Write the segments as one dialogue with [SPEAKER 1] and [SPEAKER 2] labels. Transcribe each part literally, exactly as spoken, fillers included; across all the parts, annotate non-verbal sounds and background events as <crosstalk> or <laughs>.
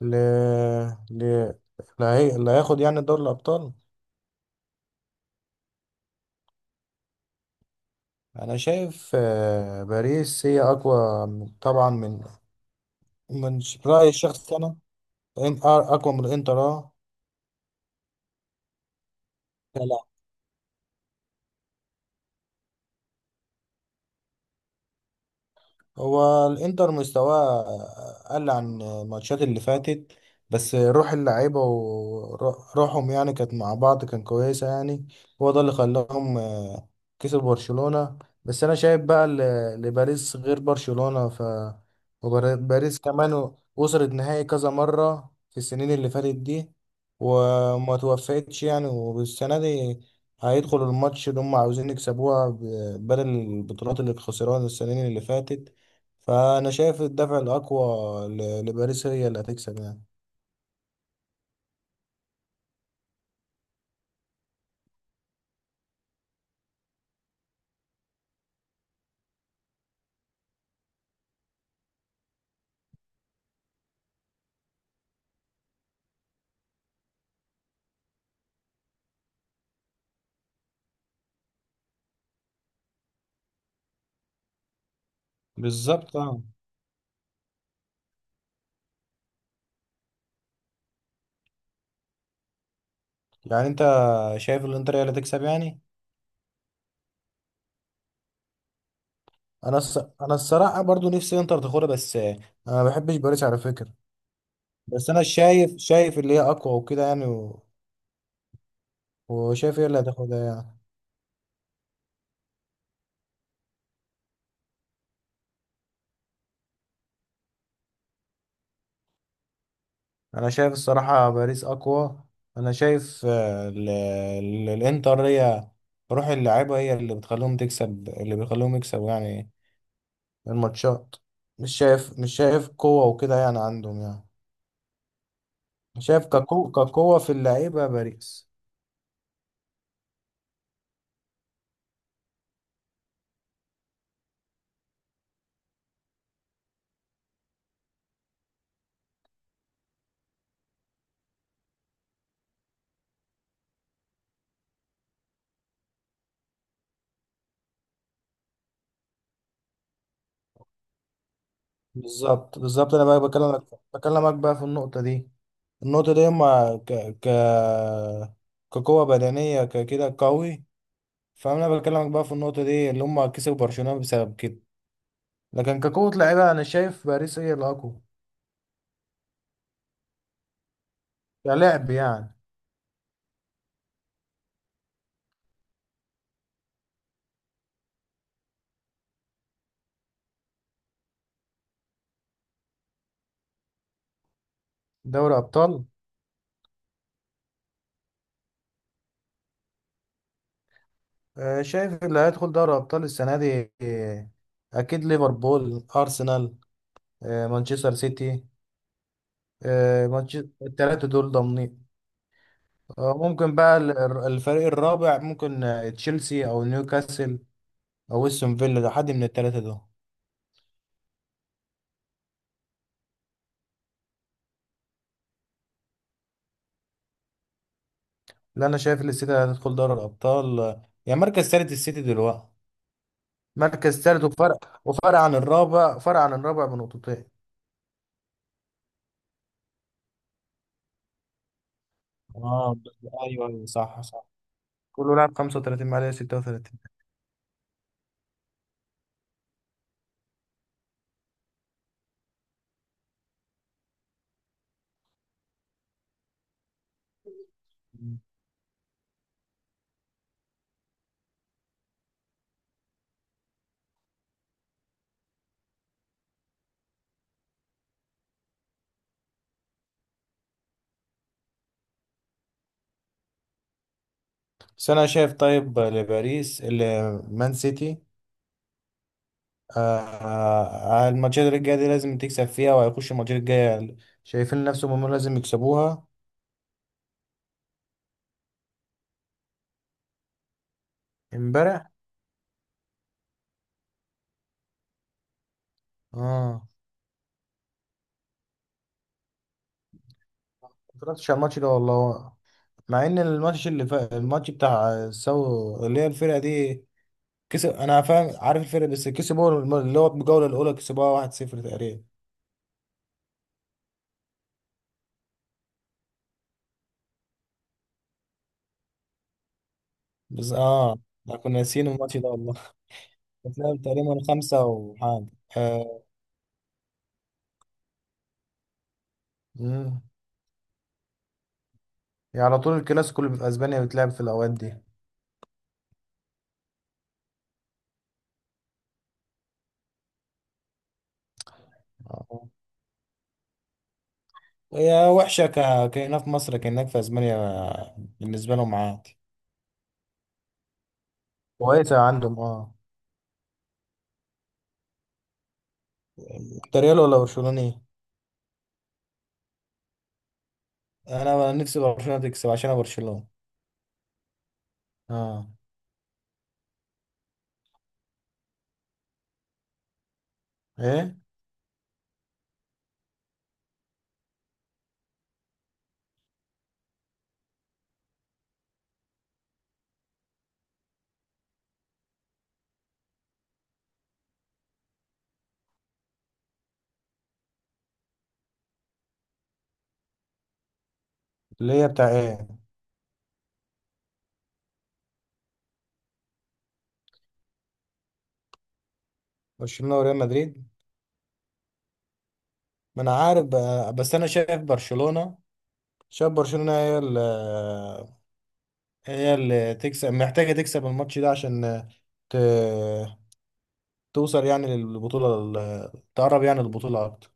[SPEAKER 1] ل... ل... اللي هي- اللي هياخد يعني دوري الأبطال. أنا شايف آه، باريس هي أقوى من- طبعا من من ش- رأيي الشخصي أنا، إن- آه، أقوى من الإنتر آه. هو الانتر مستواه قل عن الماتشات اللي فاتت، بس روح اللعيبة وروحهم يعني كانت مع بعض كان كويسة يعني. هو ده اللي خلاهم آه، كسب برشلونة. بس أنا شايف بقى ل- لباريس غير برشلونة. ف وباريس كمان وصلت نهائي كذا مرة في السنين اللي فاتت دي، وما توفقتش يعني. والسنة دي هيدخلوا الماتش اللي هم عاوزين يكسبوها، ب- بدل البطولات اللي خسروها السنين اللي فاتت. فانا شايف الدفع الاقوى ل- لباريس، هي اللي هتكسب يعني. بالظبط، اه. يعني انت شايف الانتر هي اللي هتكسب يعني. انا الص... انا الصراحه برضو نفسي انتر تاخدها، بس انا ما بحبش باريس على فكره. بس انا شايف شايف اللي هي اقوى وكده يعني، و... وشايف هي اللي هتاخدها يعني. انا شايف الصراحه باريس اقوى. انا شايف، آه، ال... ال- الانتر هي روح اللعيبه، هي اللي بتخليهم تكسب، اللي بيخليهم يكسبوا يعني الماتشات. مش شايف مش شايف قوة وكده يعني عندهم يعني. شايف كقوة، كقوة في اللعيبة باريس. بالظبط، بالظبط. انا بقى بكلمك، بكلمك بقى في النقطة دي، النقطة دي، اما ك ك كقوة بدنية ككده قوي. فانا بكلمك بقى في النقطة دي اللي هم كسبوا برشلونة بسبب كده. لكن كقوة لعيبة، انا شايف باريس هي الاقوى كلعب يعني. دوري ابطال. آه، شايف اللي هيدخل دوري ابطال السنة دي، آه، اكيد ليفربول، ارسنال، آه، مانشستر سيتي، آه، مانشستر، التلاتة دول ضامنين. آه، ممكن بقى ال- الفريق الرابع، ممكن آه، تشيلسي أو نيوكاسل أو استون فيلا، ده حد من التلاتة دول. لا، أنا شايف إن السيتي هتدخل دوري الأبطال، آه، يعني مركز تالت السيتي دلوقتي. مركز تالت، وفرق وفرق عن الرابع، فرق عن الرابع بنقطتين. اه، بس- ايوه ايوه، صح صح، كله لعب خمسة وتلاتين، ما عليه ستة وتلاتين. بس انا شايف، طيب لباريس، مان سيتي آه، الماتشات الجاية دي لازم تكسب فيها، وهيخش الماتشات الجاية شايفين نفسهم هم لازم يكسبوها. امبارح؟ اه. ما اتفرجتش على الماتش ده والله، مع ان الماتش اللي فات، الماتش بتاع سو اللي هي الفرقة دي، كسب، انا فاهم عارف الفرقة، بس كسبوا الم- اللي هو الجولة الاولى، كسبوها واحد صفر تقريبا. بس اه، احنا كنا ناسيين الماتش ده والله. <laughs> بتلعب تقريبا خمسة وحاجة. آه. مم. يعني على طول الكلاسيكو اللي في اسبانيا بتلعب في الاوقات دي. آه. هي وحشة ك... كهنا في مصر، كأنك في أسبانيا بالنسبة لهم عادي. كويسة عندهم، اه. أنت ريال ولا برشلوني؟ أنا نفسي برشلونة تكسب عشان أنا برشلونة. اه. ايه اللي هي بتاع إيه؟ برشلونة وريال مدريد. ما أنا عارف بقى، بس أنا شايف برشلونة، شايف برشلونة هي اللي هي اللي تكسب، محتاجة تكسب الماتش ده عشان ت... توصل يعني للبطولة، ال- تقرب يعني للبطولة أكتر.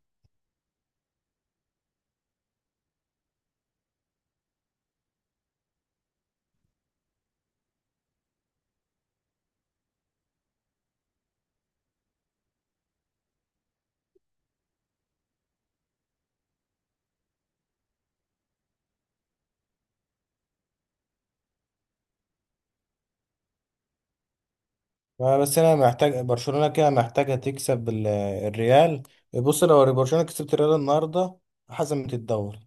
[SPEAKER 1] ما بس انا محتاج برشلونه كده، محتاجه تكسب ال- الريال. بص، لو برشلونه كسبت الريال النهارده، حسمت الدوري،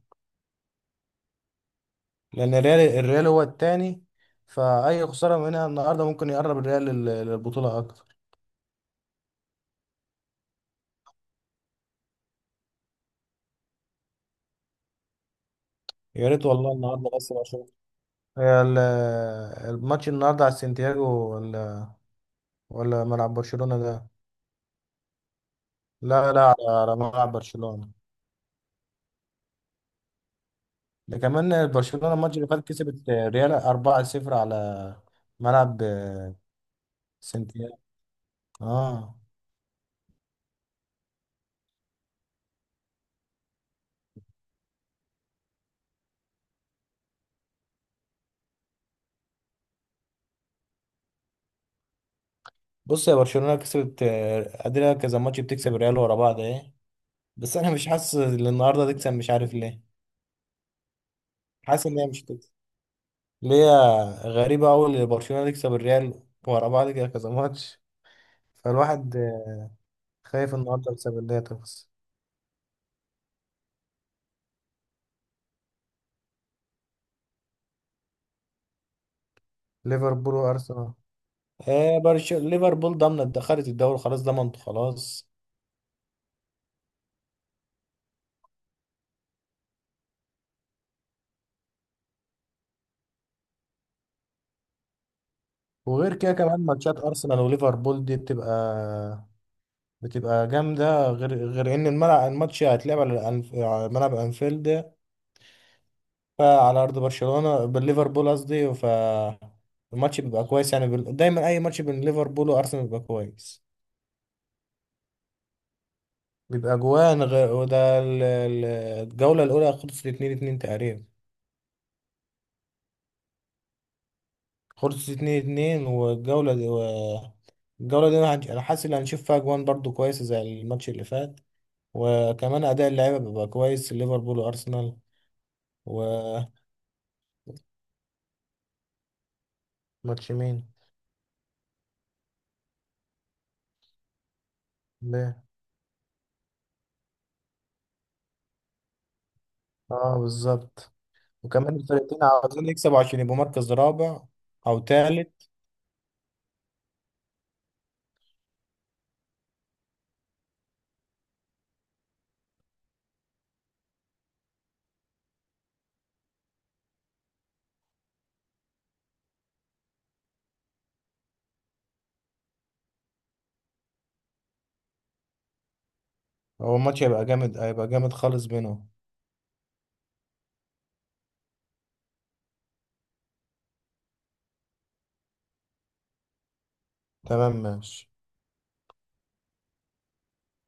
[SPEAKER 1] لان الريال الريال هو التاني. فاي خساره منها النهارده ممكن يقرب الريال لل- للبطوله اكتر. يا ريت والله النهارده بس برشلونه. هي ال- الماتش النهارده على سانتياغو ولا ولا ملعب برشلونه ده؟ لا لا، على على ملعب برشلونه. ده كمان برشلونه الماتش اللي فات كسبت الريال اربعة صفر على ملعب سانتياغو، اه. بص، يا برشلونة كسبت، آه، قادرة كذا ماتش بتكسب الريال ورا بعض، ايه. بس انا مش حاسس ان النهارده تكسب، مش عارف ليه. حاسس ان هي مش تكسب. ليه؟ غريبة أوي إن برشلونة تكسب الريال ورا بعض كده كذا ماتش. فالواحد آه، خايف النهارده بسبب ان هي تخلص. ليفربول وارسنال. ايه، برشلونة ليفربول ضامنة، دخلت الدوري خلاص، ضمنت خلاص. وغير كده، كمان ماتشات ارسنال وليفربول دي بتبقى بتبقى جامدة، غير غير ان الملعب، الماتش هيتلعب على الأنف- على ملعب انفيلد. فعلى ارض برشلونه، بالليفربول قصدي. ف الماتش بيبقى كويس يعني، بال- دايما اي ماتش بين ليفربول وارسنال بيبقى كويس. بيبقى اجوان، غير وده ال- ال- الجوله الاولى خلصت اتنين اتنين تقريبا. خلصت اتنين اتنين. والجوله دي و... الجوله دي، انا هنش- أنا حاسس ان هنشوف فيها اجوان برضو كويسه زي الماتش اللي فات، وكمان اداء اللعيبه بيبقى كويس، ليفربول وارسنال. وماتش. مين؟ ليه؟ اه، بالظبط. وكمان الفرقتين عاوزين يكسبوا عشان يبقوا مركز رابع او ثالث. هو الماتش هيبقى جامد، هيبقى جامد خالص بينهم. تمام، ماشي.